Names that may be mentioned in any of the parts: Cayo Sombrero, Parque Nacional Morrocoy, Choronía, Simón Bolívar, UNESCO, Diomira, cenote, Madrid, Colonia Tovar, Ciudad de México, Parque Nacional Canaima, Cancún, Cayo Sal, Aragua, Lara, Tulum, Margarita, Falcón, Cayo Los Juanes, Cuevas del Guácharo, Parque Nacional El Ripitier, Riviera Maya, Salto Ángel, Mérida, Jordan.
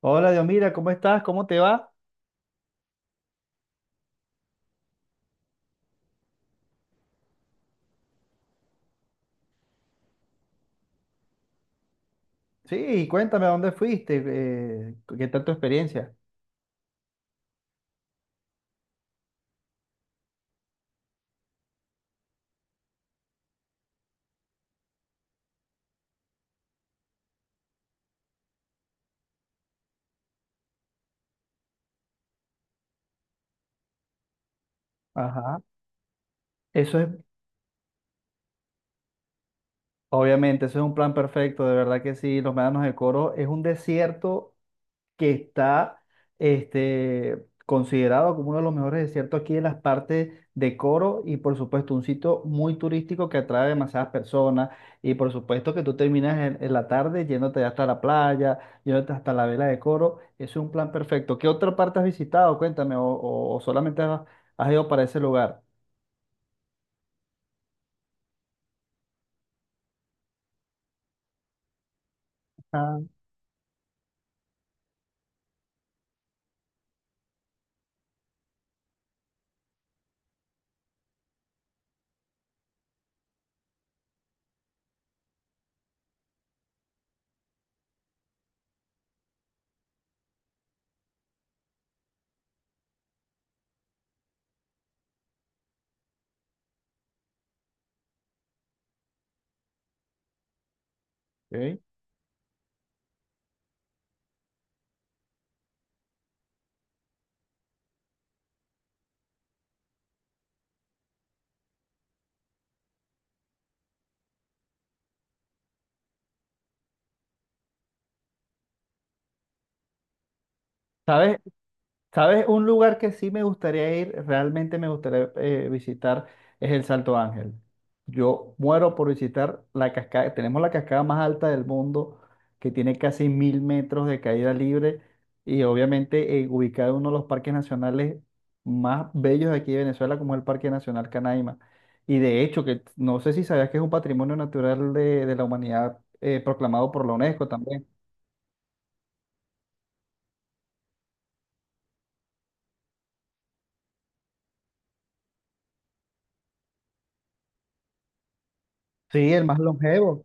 Hola, Diomira, ¿cómo estás? ¿Cómo te va? Sí, cuéntame, ¿a dónde fuiste? ¿Qué tal tu experiencia? Ajá. Eso es, obviamente, eso es un plan perfecto, de verdad que sí, los médanos de Coro es un desierto que está considerado como uno de los mejores desiertos aquí en las partes de Coro y por supuesto un sitio muy turístico que atrae demasiadas personas y por supuesto que tú terminas en la tarde yéndote hasta la playa, yéndote hasta la vela de Coro, es un plan perfecto. ¿Qué otra parte has visitado? Cuéntame, o solamente has ido para ese lugar. Ah, ¿ok? ¿Sabes? ¿Sabes? Un lugar que sí me gustaría ir, realmente me gustaría visitar, es el Salto Ángel. Yo muero por visitar la cascada. Tenemos la cascada más alta del mundo, que tiene casi 1000 metros de caída libre y obviamente ubicada en uno de los parques nacionales más bellos de aquí de Venezuela, como es el Parque Nacional Canaima. Y de hecho, que no sé si sabías que es un patrimonio natural de la humanidad proclamado por la UNESCO también. Sí, el más longevo.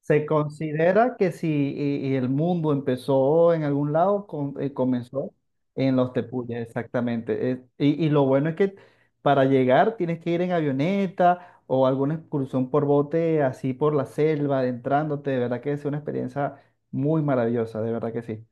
Se considera que si y- y el mundo empezó en algún lado, comenzó en los tepuyes, exactamente. Y y lo bueno es que para llegar tienes que ir en avioneta o alguna excursión por bote, así por la selva, adentrándote. De verdad que es una experiencia muy maravillosa, de verdad que sí.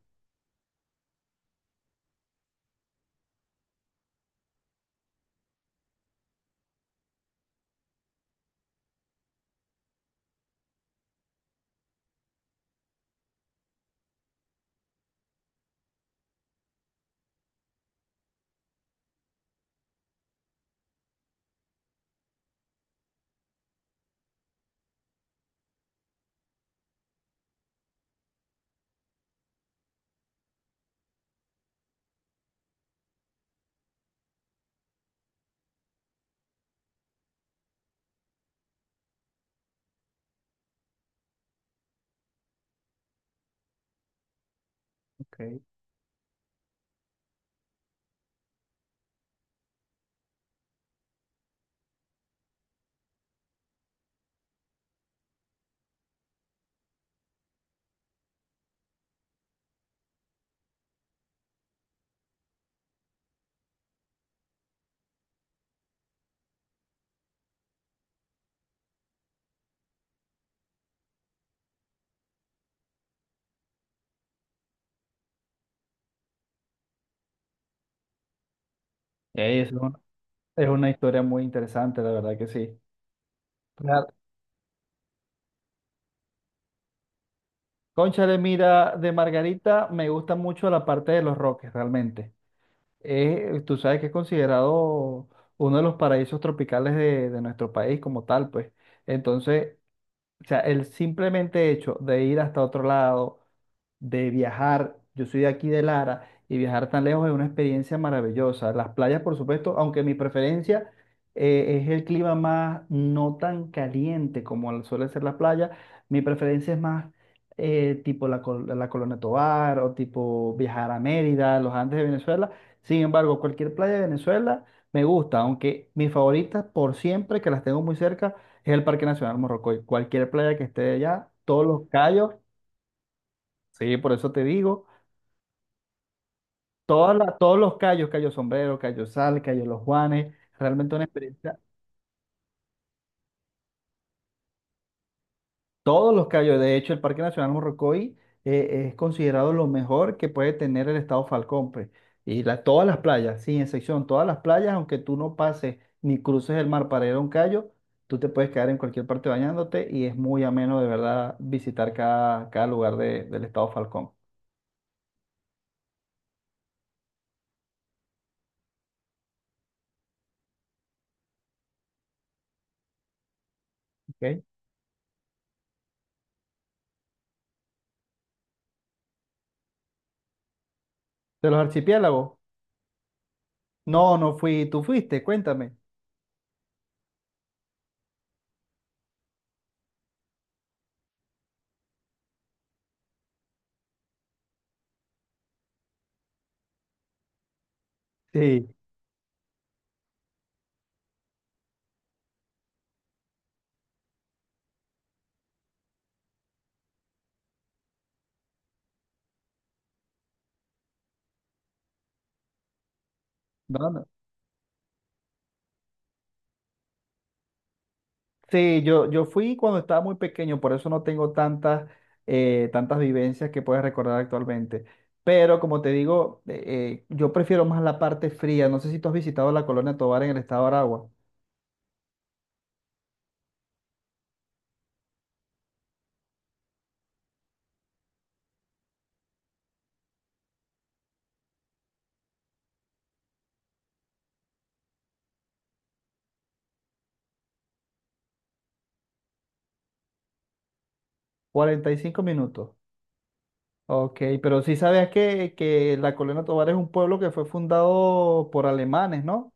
Okay. Es un- es una historia muy interesante, la verdad que sí. Claro. Cónchale, mira, de Margarita me gusta mucho la parte de los roques, realmente. Es tú sabes que es considerado uno de los paraísos tropicales de nuestro país como tal, pues. Entonces, o sea, el simplemente hecho de ir hasta otro lado, de viajar, yo soy de aquí de Lara, y viajar tan lejos es una experiencia maravillosa. Las playas, por supuesto, aunque mi preferencia es el clima más no tan caliente como suele ser la playa, mi preferencia es más tipo la Colonia Tovar o tipo viajar a Mérida, los Andes de Venezuela. Sin embargo, cualquier playa de Venezuela me gusta, aunque mis favoritas por siempre, que las tengo muy cerca, es el Parque Nacional Morrocoy. Cualquier playa que esté allá, todos los callos, sí, por eso te digo. Todos los callos, Cayo Sombrero, Cayo Sal, Cayo Los Juanes, realmente una experiencia. Todos los callos, de hecho, el Parque Nacional Morrocoy es considerado lo mejor que puede tener el estado Falcón, pues. Todas las playas, sin excepción, todas las playas, aunque tú no pases ni cruces el mar para ir a un callo, tú te puedes quedar en cualquier parte bañándote y es muy ameno, de verdad, visitar cada lugar del estado Falcón. ¿Ok? De los archipiélagos. No, no fui, tú fuiste, cuéntame. Sí. No, no. Sí, yo fui cuando estaba muy pequeño, por eso no tengo tantas, tantas vivencias que puedes recordar actualmente. Pero como te digo, yo prefiero más la parte fría. No sé si tú has visitado la Colonia Tovar en el estado de Aragua. 45 minutos. Ok, pero sí sabías que la Colonia Tovar es un pueblo que fue fundado por alemanes, ¿no?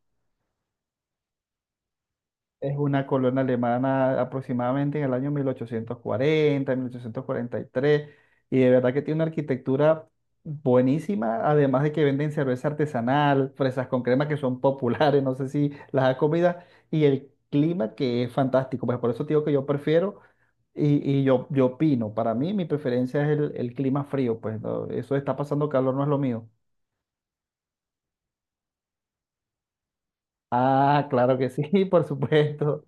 Es una colonia alemana aproximadamente en el año 1840, 1843, y tres, y de verdad que tiene una arquitectura buenísima, además de que venden cerveza artesanal, fresas con crema que son populares, no sé si las ha comido, y el clima que es fantástico, pues por eso te digo que yo prefiero y yo opino, para mí mi preferencia es el clima frío, pues no, eso de está pasando calor no es lo mío. Ah, claro que sí, por supuesto,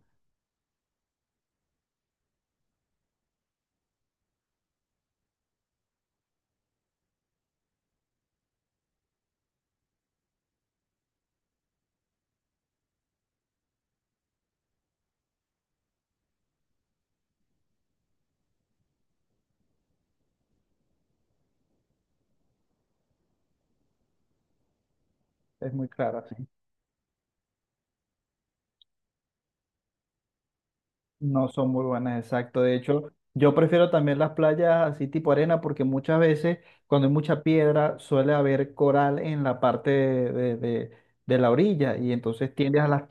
es muy claro. No son muy buenas, exacto. De hecho, yo prefiero también las playas así tipo arena porque muchas veces cuando hay mucha piedra suele haber coral en la parte de la orilla y entonces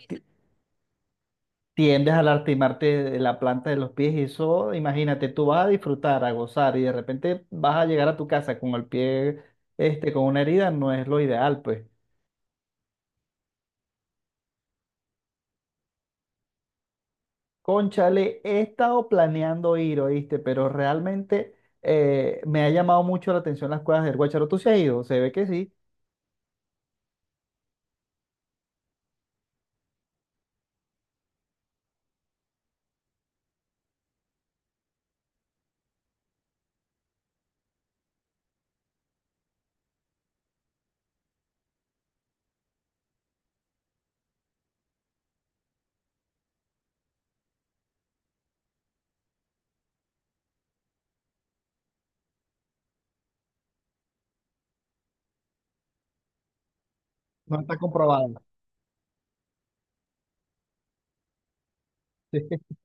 tiendes a lastimarte de la planta de los pies y eso, imagínate, tú vas a disfrutar, a gozar y de repente vas a llegar a tu casa con el pie, con una herida, no es lo ideal, pues. Cónchale, he estado planeando ir, oíste, pero realmente me ha llamado mucho la atención las cuevas del Guácharo. ¿Tú se has ido? Se ve que sí. No está comprobado.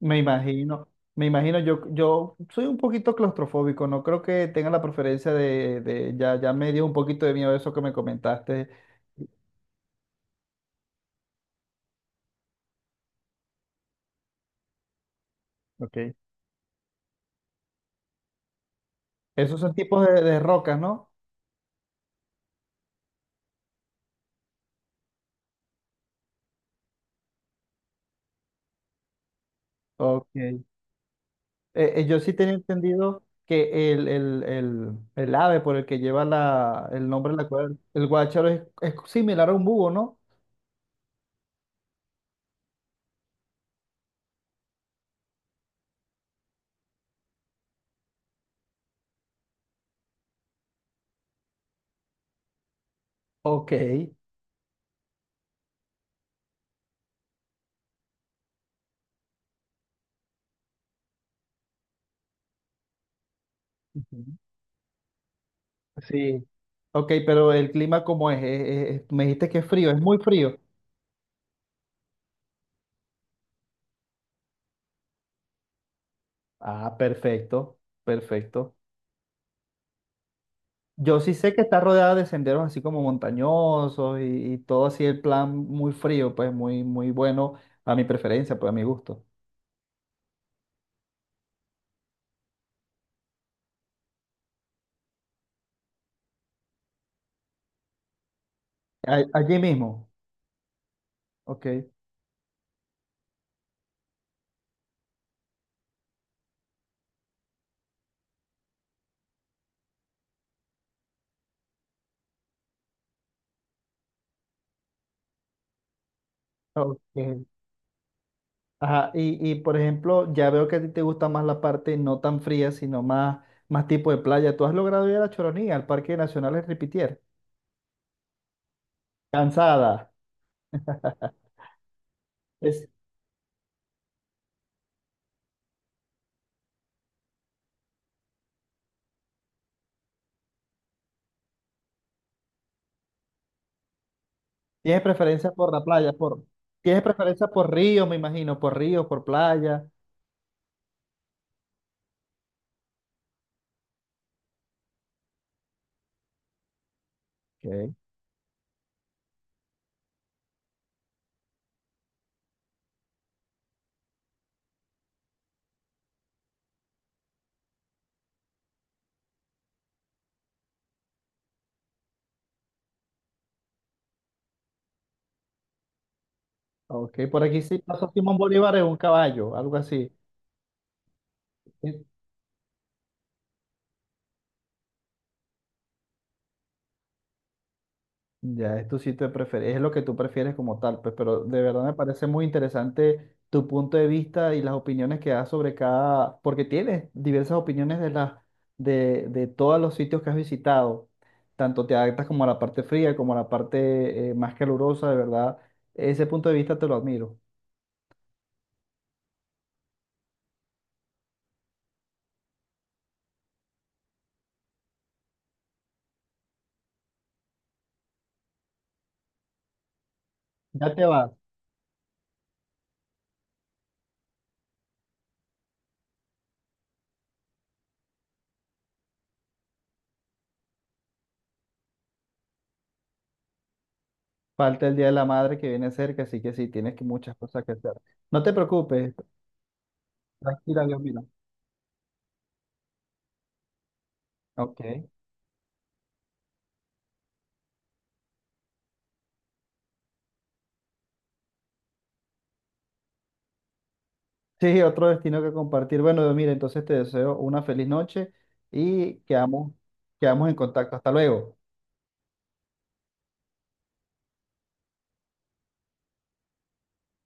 Me imagino, me imagino, yo soy un poquito claustrofóbico, no creo que tenga la preferencia ya, ya me dio un poquito de miedo eso que me comentaste. Ok. Esos son tipos de rocas, ¿no? Ok. Yo sí tenía entendido que el ave por el que lleva el nombre, la cual, el guácharo es similar a un búho, ¿no? Ok. Ujú. Sí, ok, pero el clima ¿cómo es? Me dijiste que es frío, es muy frío. Ah, perfecto, perfecto. Yo sí sé que está rodeada de senderos así como montañosos y todo así el plan muy frío, pues muy, muy bueno a mi preferencia, pues a mi gusto. Allí mismo. Ok. Ok. Ajá, y, por ejemplo, ya veo que a ti te gusta más la parte no tan fría, sino más, más tipo de playa. ¿Tú has logrado ir a la Choronía, al Parque Nacional El Ripitier? Cansada. Es, ¿tienes preferencia por la playa? Por, ¿tienes preferencia por río, me imagino? ¿Por río, por playa? Ok. Ok, por aquí sí pasó Simón Bolívar en un caballo, algo así. Ya, es tu sitio de preferencia, es lo que tú prefieres como tal, pues, pero de verdad me parece muy interesante tu punto de vista y las opiniones que das sobre cada, porque tienes diversas opiniones de las, de todos los sitios que has visitado, tanto te adaptas como a la parte fría, como a la parte más calurosa, de verdad, ese punto de vista te lo admiro. Ya te vas. Falta el Día de la Madre que viene cerca, así que sí, tienes que muchas cosas que hacer. No te preocupes, tranquila, Dios mío. Ok. Sí, otro destino que compartir. Bueno, mira, entonces te deseo una feliz noche y quedamos, quedamos en contacto. Hasta luego.